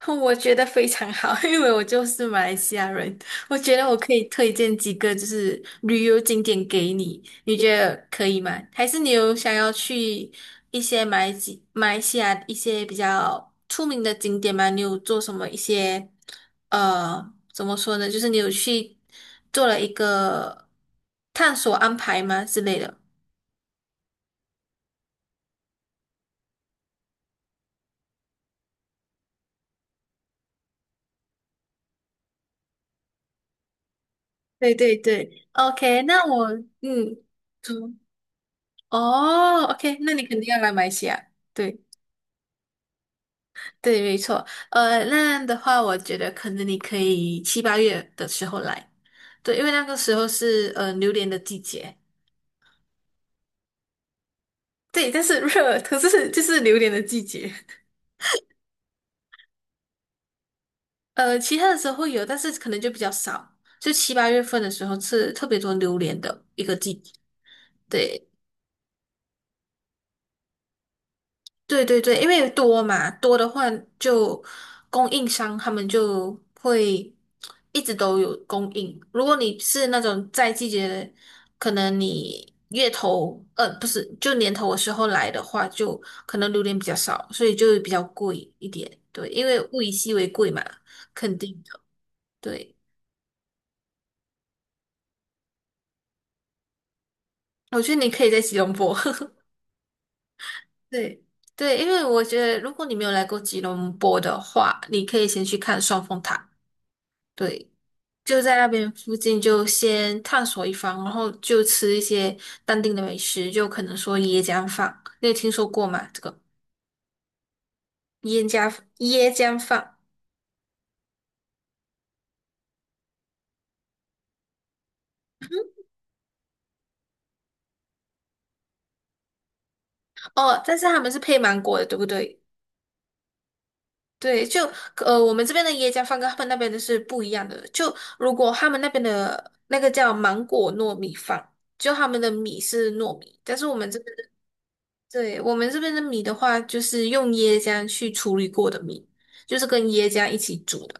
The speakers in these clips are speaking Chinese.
我觉得非常好，因为我就是马来西亚人，我觉得我可以推荐几个就是旅游景点给你，你觉得可以吗？还是你有想要去一些马来西亚一些比较出名的景点吗？你有做什么一些怎么说呢？就是你有去做了一个探索安排吗之类的？对对对，OK,那我嗯，嗯哦，OK,那你肯定要来马来西亚。对。对，没错。那样的话，我觉得可能你可以七八月的时候来，对，因为那个时候是榴莲的季节。对，但是热，可是就是榴莲的季节。其他的时候会有，但是可能就比较少。就七八月份的时候是特别多榴莲的一个季节。对。对对对，因为多嘛，多的话就供应商他们就会一直都有供应。如果你是那种在季节的，可能你月头，不是，就年头的时候来的话，就可能榴莲比较少，所以就比较贵一点。对，因为物以稀为贵嘛，肯定的。对，我觉得你可以在吉隆坡。对对，因为我觉得如果你没有来过吉隆坡的话，你可以先去看双峰塔。对。就在那边附近就先探索一番，然后就吃一些当地的美食，就可能说椰浆饭，你有听说过吗？这个椰浆椰浆饭哦，但是他们是配芒果的，对不对？对，我们这边的椰浆饭跟他们那边的是不一样的。就如果他们那边的那个叫芒果糯米饭，就他们的米是糯米，但是我们这边的，对，我们这边的米的话，就是用椰浆去处理过的米，就是跟椰浆一起煮的。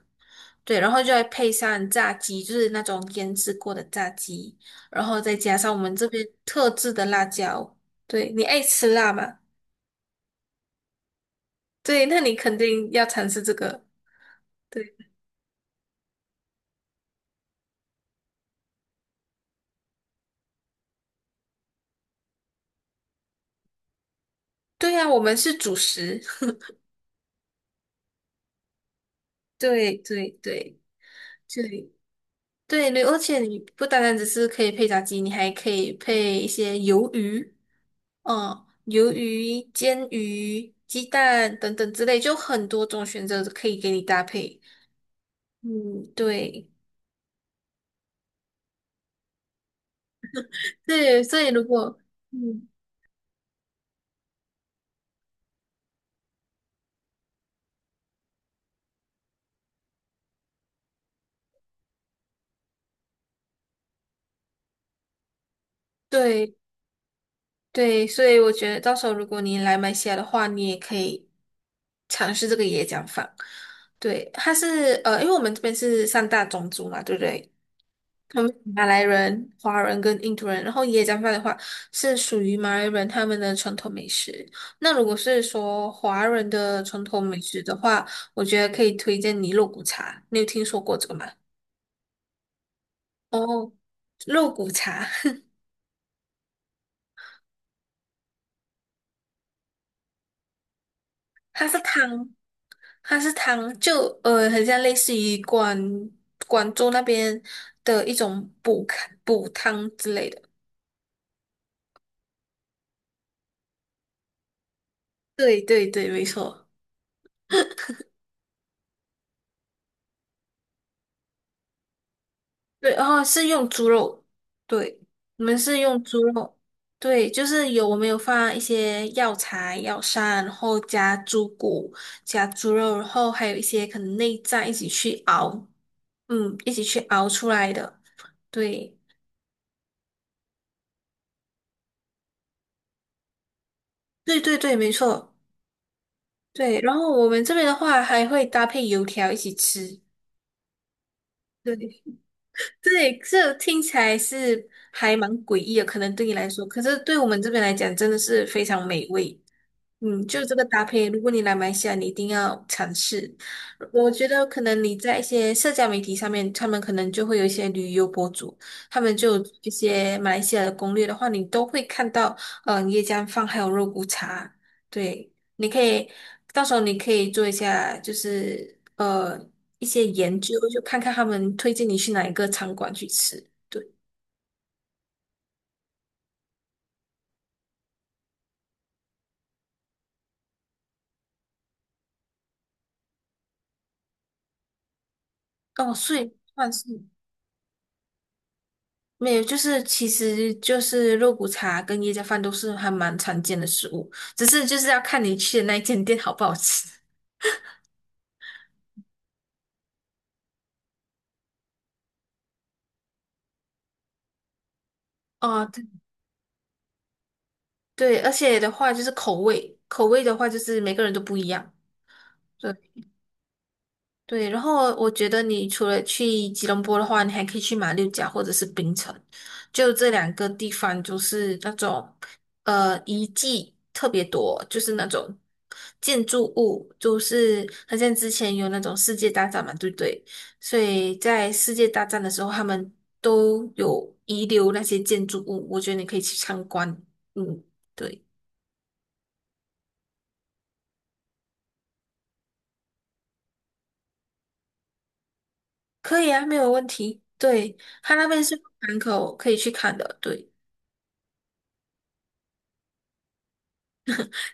对，然后就再配上炸鸡，就是那种腌制过的炸鸡，然后再加上我们这边特制的辣椒。对，你爱吃辣吗？对，那你肯定要尝试这个。对，对呀，我们是主食。对对对对对对，而且你不单单只是可以配炸鸡，你还可以配一些鱿鱼，嗯，鱿鱼、煎鱼、鸡蛋等等之类，就很多种选择可以给你搭配。嗯，对。对，所以如果，嗯，对对，所以我觉得到时候如果你来马来西亚的话，你也可以尝试这个椰浆饭。对，它是因为我们这边是三大种族嘛，对不对？我们马来人、华人跟印度人，然后椰浆饭的话是属于马来人他们的传统美食。那如果是说华人的传统美食的话，我觉得可以推荐你肉骨茶。你有听说过这个吗？哦，肉骨茶，它是汤。它是汤，很像类似于广州那边的一种补看补汤之类的。对对对，没错。对，然后是用猪肉，对，我们是用猪肉，对，就是有我们有放一些药材、药膳，然后加猪骨、加猪肉，然后还有一些可能内脏一起去熬，嗯，一起去熬出来的。对，对对对，没错。对，然后我们这边的话还会搭配油条一起吃。对对，这听起来是还蛮诡异的，可能对你来说，可是对我们这边来讲，真的是非常美味。嗯，就这个搭配，如果你来马来西亚，你一定要尝试。我觉得可能你在一些社交媒体上面，他们可能就会有一些旅游博主，他们就有一些马来西亚的攻略的话，你都会看到，椰浆饭还有肉骨茶。对，你可以到时候你可以做一下，就是一些研究，就看看他们推荐你去哪一个餐馆去吃。对，哦，所以算是。没有，就是其实就是肉骨茶跟椰浆饭都是还蛮常见的食物，只是就是要看你去的那一间店好不好吃。哦，对对，而且的话就是口味，口味的话就是每个人都不一样。对。对，然后我觉得你除了去吉隆坡的话，你还可以去马六甲或者是槟城，就这两个地方就是那种遗迹特别多，就是那种建筑物，就是好像之前有那种世界大战嘛，对不对？所以在世界大战的时候，他们都有遗留那些建筑物，我觉得你可以去参观。嗯，对，可以啊，没有问题。对，他那边是港口可以去看的，对。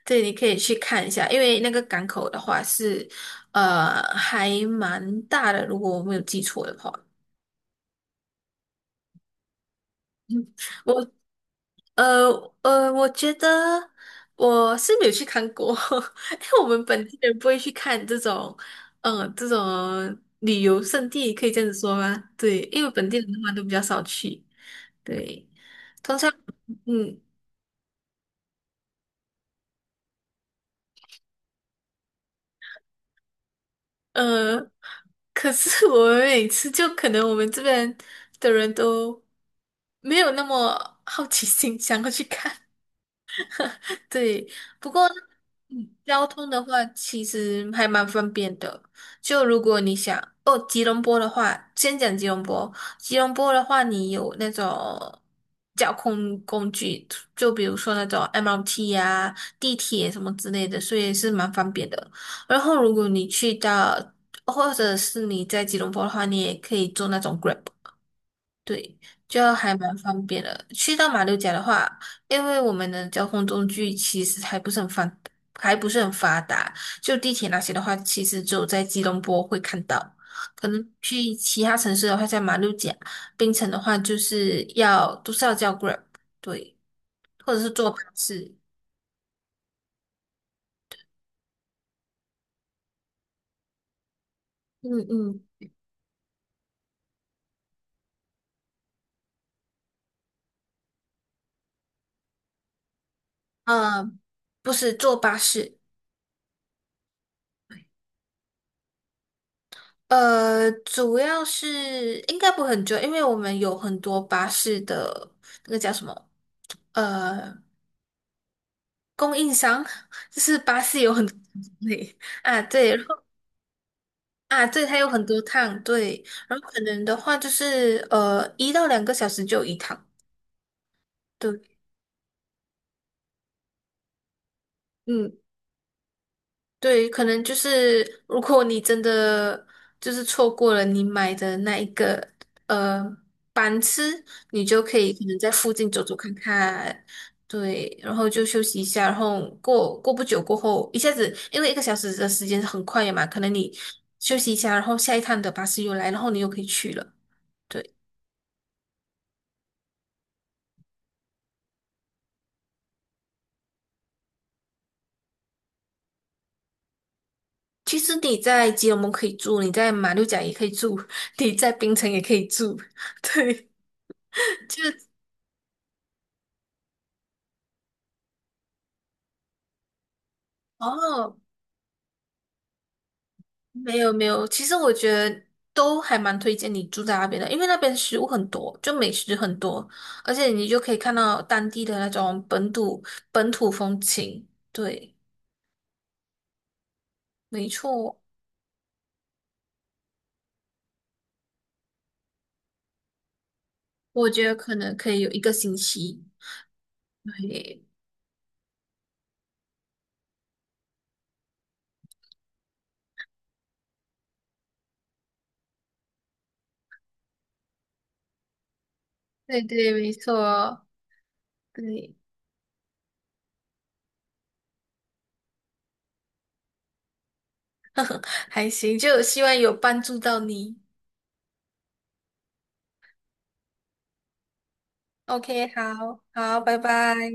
对，你可以去看一下，因为那个港口的话是，还蛮大的，如果我没有记错的话，我呃我觉得我是没有去看过，因为我们本地人不会去看这种，这种旅游胜地，可以这样子说吗？对，因为本地人的话都比较少去，对，通常，嗯，呃，可是我们每次就可能我们这边的人都没有那么好奇心想要去看，对，不过交通的话，其实还蛮方便的。就如果你想哦，吉隆坡的话，先讲吉隆坡。吉隆坡的话，你有那种交通工具，就比如说那种 MRT 啊、地铁什么之类的，所以是蛮方便的。然后，如果你去到，或者是你在吉隆坡的话，你也可以坐那种 Grab。对，就还蛮方便的。去到马六甲的话，因为我们的交通工具其实还不是很发达，就地铁那些的话，其实只有在吉隆坡会看到。可能去其他城市的话，在马六甲、槟城的话，就是要都是要叫 Grab,对，或者是坐巴士。嗯嗯，呃，不是坐巴士，主要是应该不会很久，因为我们有很多巴士的那个叫什么？呃，供应商就是巴士有很多种类啊，对，然后啊，对，它有很多趟，对，然后可能的话就是一到两个小时就有一趟，对，嗯，对，可能就是如果你真的就是错过了你买的那一个呃班次，你就可以可能在附近走走看看，对，然后就休息一下，然后过过不久过后，一下子因为一个小时的时间很快的嘛，可能你休息一下，然后下一趟的巴士又来，然后你又可以去了。对，其实你在吉隆坡可以住，你在马六甲也可以住，你在槟城也可以住，对，就哦。没有没有，其实我觉得都还蛮推荐你住在那边的，因为那边食物很多，就美食很多，而且你就可以看到当地的那种本土风情。对，没错，我觉得可能可以有一个星期。对，对对，没错，对，还行，就希望有帮助到你。OK,好，好，拜拜。